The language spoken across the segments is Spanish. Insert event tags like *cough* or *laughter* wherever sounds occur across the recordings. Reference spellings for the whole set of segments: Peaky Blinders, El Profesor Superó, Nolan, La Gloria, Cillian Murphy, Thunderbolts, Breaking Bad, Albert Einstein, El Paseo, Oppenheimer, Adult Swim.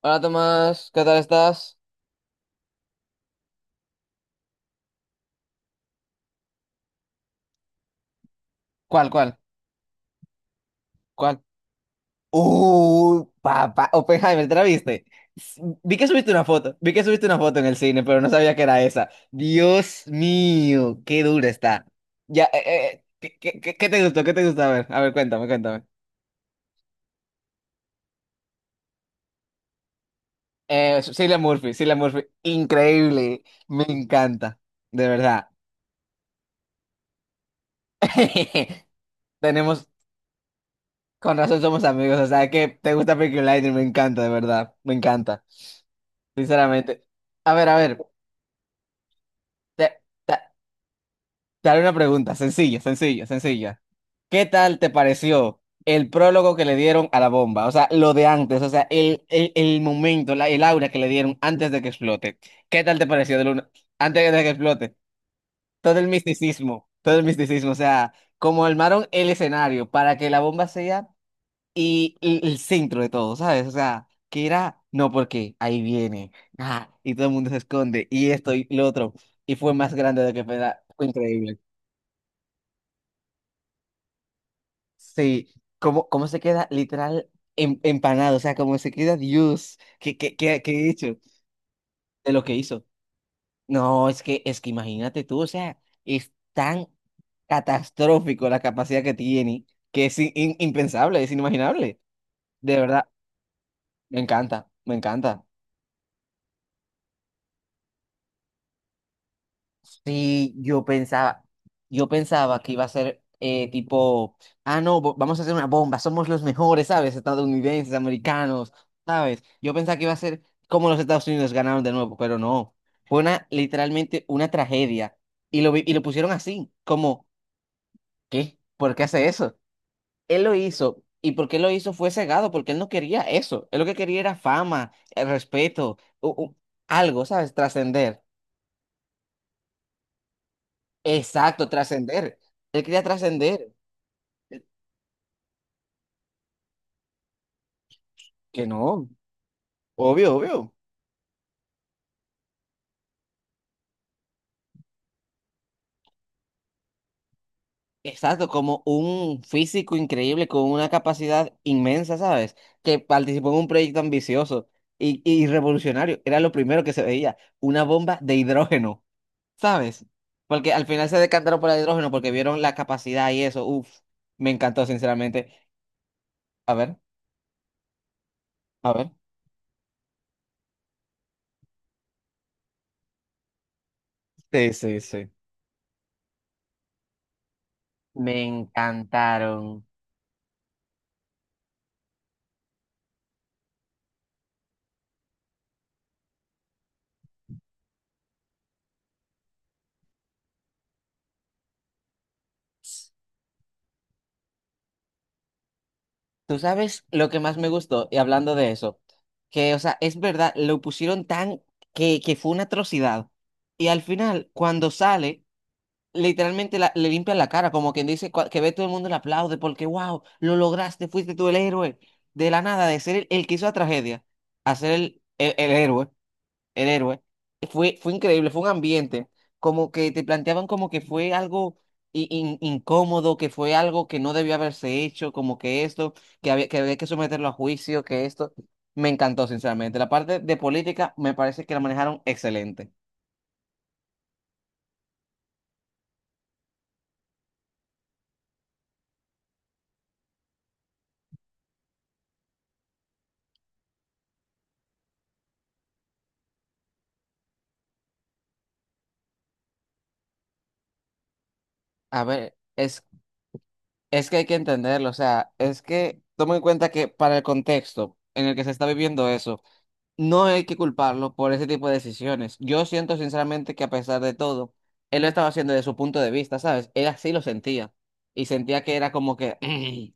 Hola Tomás, ¿qué tal estás? ¿Cuál, cuál? ¿Cuál? Papá, Oppenheimer, ¿te la viste? Vi que subiste una foto en el cine, pero no sabía que era esa. Dios mío, qué dura está. Ya, ¿qué te gustó? ¿Qué te gustó? A ver, cuéntame, cuéntame. Cillian Murphy, Cillian Murphy, increíble, me encanta, de verdad. *laughs* Tenemos, con razón somos amigos, o sea que te gusta Peaky Blinders, me encanta, de verdad, me encanta, sinceramente. A ver, a ver. Te, te- te haré una pregunta, sencilla, sencilla, sencilla. ¿Qué tal te pareció el prólogo que le dieron a la bomba? O sea, lo de antes, o sea, el momento, el aura que le dieron antes de que explote. ¿Qué tal te pareció antes de que explote? Todo el misticismo, o sea, cómo armaron el escenario para que la bomba sea y el centro de todo, ¿sabes? O sea, que era, no, porque ahí viene, ah, y todo el mundo se esconde, y esto y lo otro, y fue más grande de lo que fue, increíble. Sí, ¿cómo se queda literal empanado? O sea, cómo se queda Dios. ¿Qué he hecho de lo que hizo? No, es que imagínate tú, o sea, es tan catastrófico la capacidad que tiene que es impensable, es inimaginable. De verdad, me encanta, me encanta. Sí, yo pensaba que iba a ser tipo, ah, no, vamos a hacer una bomba, somos los mejores, ¿sabes? Estadounidenses, americanos, ¿sabes? Yo pensaba que iba a ser como los Estados Unidos ganaron de nuevo, pero no. Literalmente una tragedia. Y lo pusieron así, como, ¿qué? ¿Por qué hace eso? Él lo hizo, y porque él lo hizo fue cegado, porque él no quería eso. Él lo que quería era fama, respeto, algo, ¿sabes? Trascender. Exacto, trascender. Él quería trascender. Que no, obvio, obvio. Exacto, como un físico increíble con una capacidad inmensa, ¿sabes? Que participó en un proyecto ambicioso y revolucionario. Era lo primero que se veía, una bomba de hidrógeno, ¿sabes? Porque al final se decantaron por el hidrógeno porque vieron la capacidad y eso. Uf, me encantó, sinceramente. A ver, a ver. Sí, sí, sí. Me encantaron. Tú sabes lo que más me gustó, y hablando de eso, que, o sea, es verdad, lo pusieron tan que fue una atrocidad. Y al final, cuando sale, literalmente le limpian la cara, como quien dice que ve todo el mundo y le aplaude, porque, wow, lo lograste, fuiste tú el héroe. De la nada, de ser el que hizo la tragedia, a ser el héroe, fue increíble, fue un ambiente, como que te planteaban como que fue algo incómodo, que fue algo que no debió haberse hecho, como que esto, que había que someterlo a juicio, que esto. Me encantó, sinceramente. La parte de política me parece que la manejaron excelente. A ver, es que hay que entenderlo, o sea, es que toma en cuenta que para el contexto en el que se está viviendo eso. No hay que culparlo por ese tipo de decisiones. Yo siento sinceramente que a pesar de todo, él lo estaba haciendo desde su punto de vista, ¿sabes? Él así lo sentía y sentía que era como que *clears throat*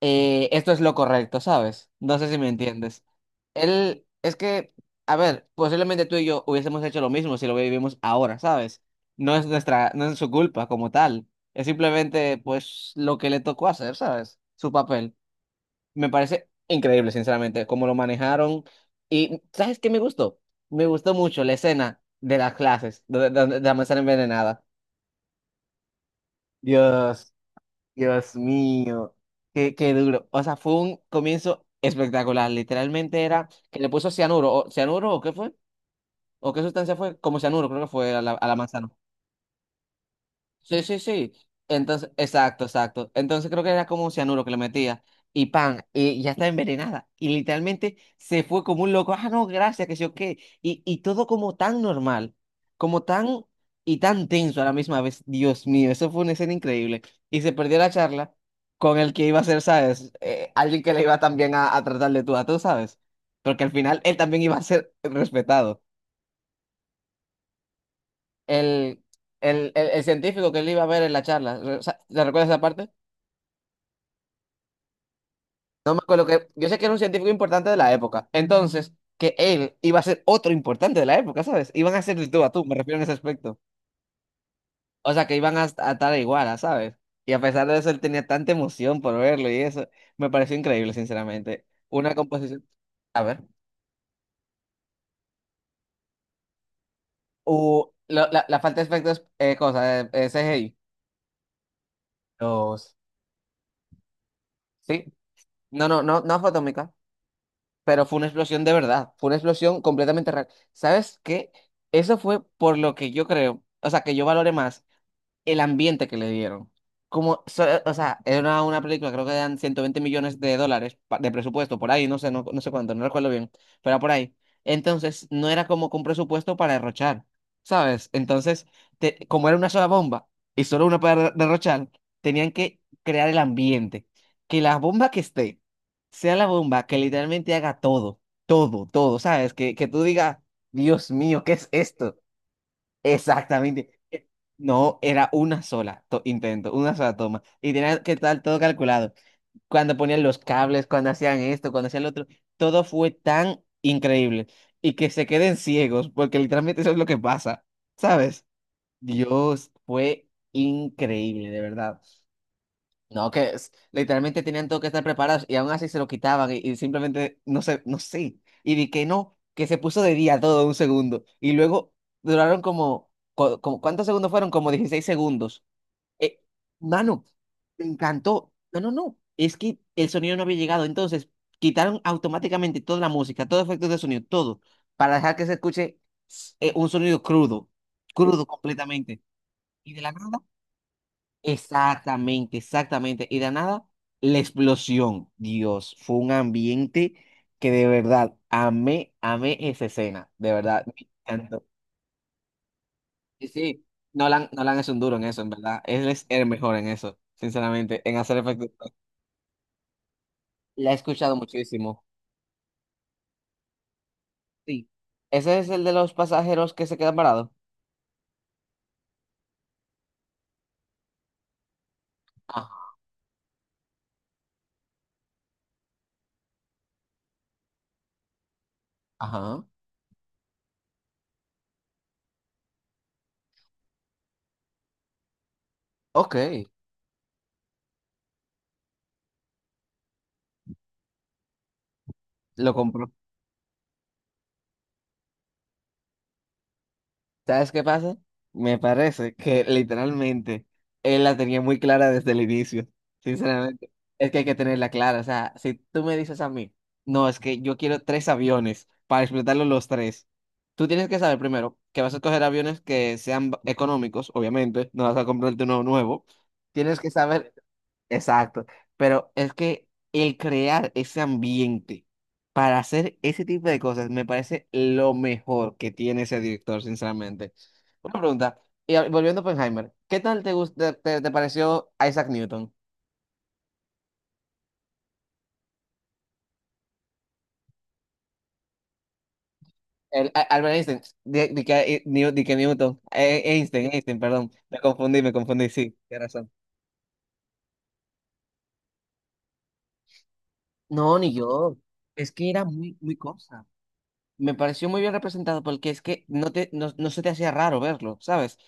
esto es lo correcto, ¿sabes? No sé si me entiendes. Él, es que, a ver, posiblemente tú y yo hubiésemos hecho lo mismo si lo vivimos ahora, ¿sabes? No es su culpa como tal. Es simplemente, pues, lo que le tocó hacer, ¿sabes? Su papel. Me parece increíble, sinceramente, cómo lo manejaron. Y, ¿sabes qué me gustó? Me gustó mucho la escena de las clases, donde la manzana envenenada. Dios, Dios mío, qué duro. O sea, fue un comienzo espectacular. Literalmente era que le puso cianuro, o, cianuro, ¿o qué fue? ¿O qué sustancia fue? Como cianuro, creo que fue a la manzana. Sí, sí, sí. Entonces, exacto, exacto. Entonces creo que era como un cianuro que le metía. Y pan, y ya está envenenada. Y literalmente se fue como un loco. Ah, no, gracias, que sé yo qué. Y todo como tan normal, como tan y tan tenso a la misma vez. Dios mío, eso fue una escena increíble. Y se perdió la charla con el que iba a ser, ¿sabes? Alguien que le iba también a tratar de tú a tú, ¿sabes? Porque al final él también iba a ser respetado. El, el científico que él iba a ver en la charla, ¿te recuerdas esa parte? No me acuerdo que. Yo sé que era un científico importante de la época. Entonces, que él iba a ser otro importante de la época, ¿sabes? Iban a ser de tú a tú, me refiero en ese aspecto. O sea, que iban a estar igual, a, ¿sabes? Y a pesar de eso, él tenía tanta emoción por verlo y eso. Me pareció increíble, sinceramente. Una composición. A ver. La falta de efectos, cosa, CGI. Los. Sí. No, no, no, no fue atómica. Pero fue una explosión de verdad. Fue una explosión completamente real. ¿Sabes qué? Eso fue por lo que yo creo. O sea, que yo valore más el ambiente que le dieron. O sea, era una película, creo que eran 120 millones de dólares de presupuesto, por ahí, no sé, no sé cuánto, no recuerdo bien, pero por ahí. Entonces, no era como con presupuesto para derrochar, ¿sabes? Entonces, como era una sola bomba y solo una para derrochar, tenían que crear el ambiente. Que la bomba que esté sea la bomba que literalmente haga todo, todo, todo, ¿sabes? Que tú digas, Dios mío, ¿qué es esto? Exactamente. No, era una sola intento, una sola toma. Y tenía que estar todo calculado. Cuando ponían los cables, cuando hacían esto, cuando hacían lo otro, todo fue tan increíble. Y que se queden ciegos, porque literalmente eso es lo que pasa. ¿Sabes? Dios, fue increíble, de verdad. No, que literalmente tenían todo que estar preparados y aún así se lo quitaban y simplemente no sé, no sé. Y vi que no, que se puso de día todo un segundo. Y luego duraron como, como ¿cuántos segundos fueron? Como 16 segundos. Eh, mano, me encantó. No, no, no. Es que el sonido no había llegado. Entonces quitaron automáticamente toda la música, todos los efectos de sonido, todo, para dejar que se escuche un sonido crudo, crudo completamente. Y de la nada. Exactamente, exactamente. Y de nada, la explosión. Dios, fue un ambiente que de verdad amé, amé esa escena. De verdad, me encantó. Sí, sí, Nolan, Nolan es un duro en eso, en verdad. Él es el mejor en eso, sinceramente, en hacer efectos. La he escuchado muchísimo. Sí. Ese es el de los pasajeros que se quedan parados. Ajá. Ajá. Ok. Lo compró. ¿Sabes qué pasa? Me parece que literalmente él la tenía muy clara desde el inicio, sinceramente. Es que hay que tenerla clara. O sea, si tú me dices a mí, no, es que yo quiero tres aviones para explotarlos los tres, tú tienes que saber primero que vas a coger aviones que sean económicos, obviamente, no vas a comprarte uno nuevo. Tienes que saber. Exacto, pero es que el crear ese ambiente para hacer ese tipo de cosas me parece lo mejor que tiene ese director, sinceramente. Una pregunta, y volviendo a Oppenheimer, ¿qué tal te pareció Isaac Newton? Albert Einstein, di que Newton, Einstein, Einstein, perdón, me confundí, sí, tienes razón. No, ni yo. Es que era muy, muy cosa. Me pareció muy bien representado porque es que no se te hacía raro verlo, ¿sabes?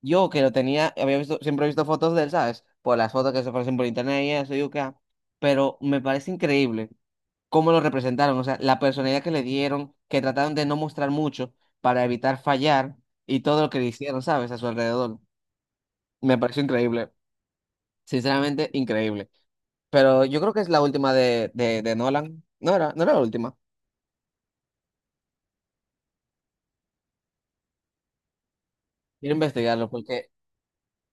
Yo que lo tenía, había visto, siempre he visto fotos de él, ¿sabes? Por las fotos que se aparecen por internet y eso, y acá. Pero me parece increíble cómo lo representaron, o sea, la personalidad que le dieron, que trataron de no mostrar mucho para evitar fallar y todo lo que le hicieron, ¿sabes? A su alrededor. Me pareció increíble, sinceramente increíble. Pero yo creo que es la última de Nolan. No era la última. Quiero investigarlo porque.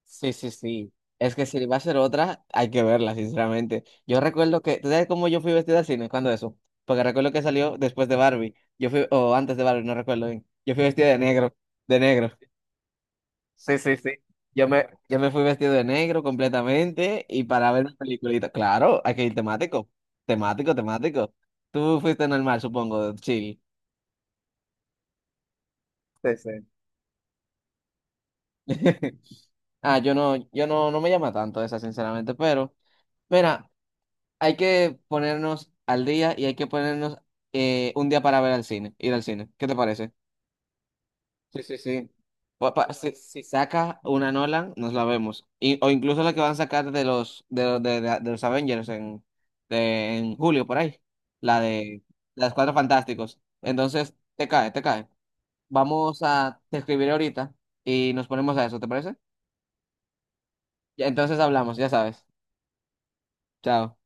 Sí, sí, sí. Es que si va a ser otra, hay que verla, sinceramente. Yo recuerdo que, ¿tú sabes cómo yo fui vestida al cine? ¿Cuándo eso? Porque recuerdo que salió después de Barbie. Yo fui, o antes de Barbie, no recuerdo bien. Yo fui vestida de negro, de negro. Sí, sí, sí. Yo me fui vestido de negro completamente y para ver una peliculita. Claro, hay que ir temático. Temático, temático. Tú fuiste normal, supongo, de chill. Sí, sí. *laughs* Ah, yo no, yo no, no me llama tanto esa, sinceramente, pero mira. Hay que ponernos al día y hay que ponernos un día para ver al cine, ir al cine. ¿Qué te parece? Sí, sí, sí. Si saca una Nolan, nos la vemos. O incluso la que van a sacar de los Avengers en julio, por ahí. La de las Cuatro Fantásticos. Entonces, te cae, te cae. Vamos a te escribiré ahorita y nos ponemos a eso, ¿te parece? Ya, entonces hablamos, ya sabes. Chao.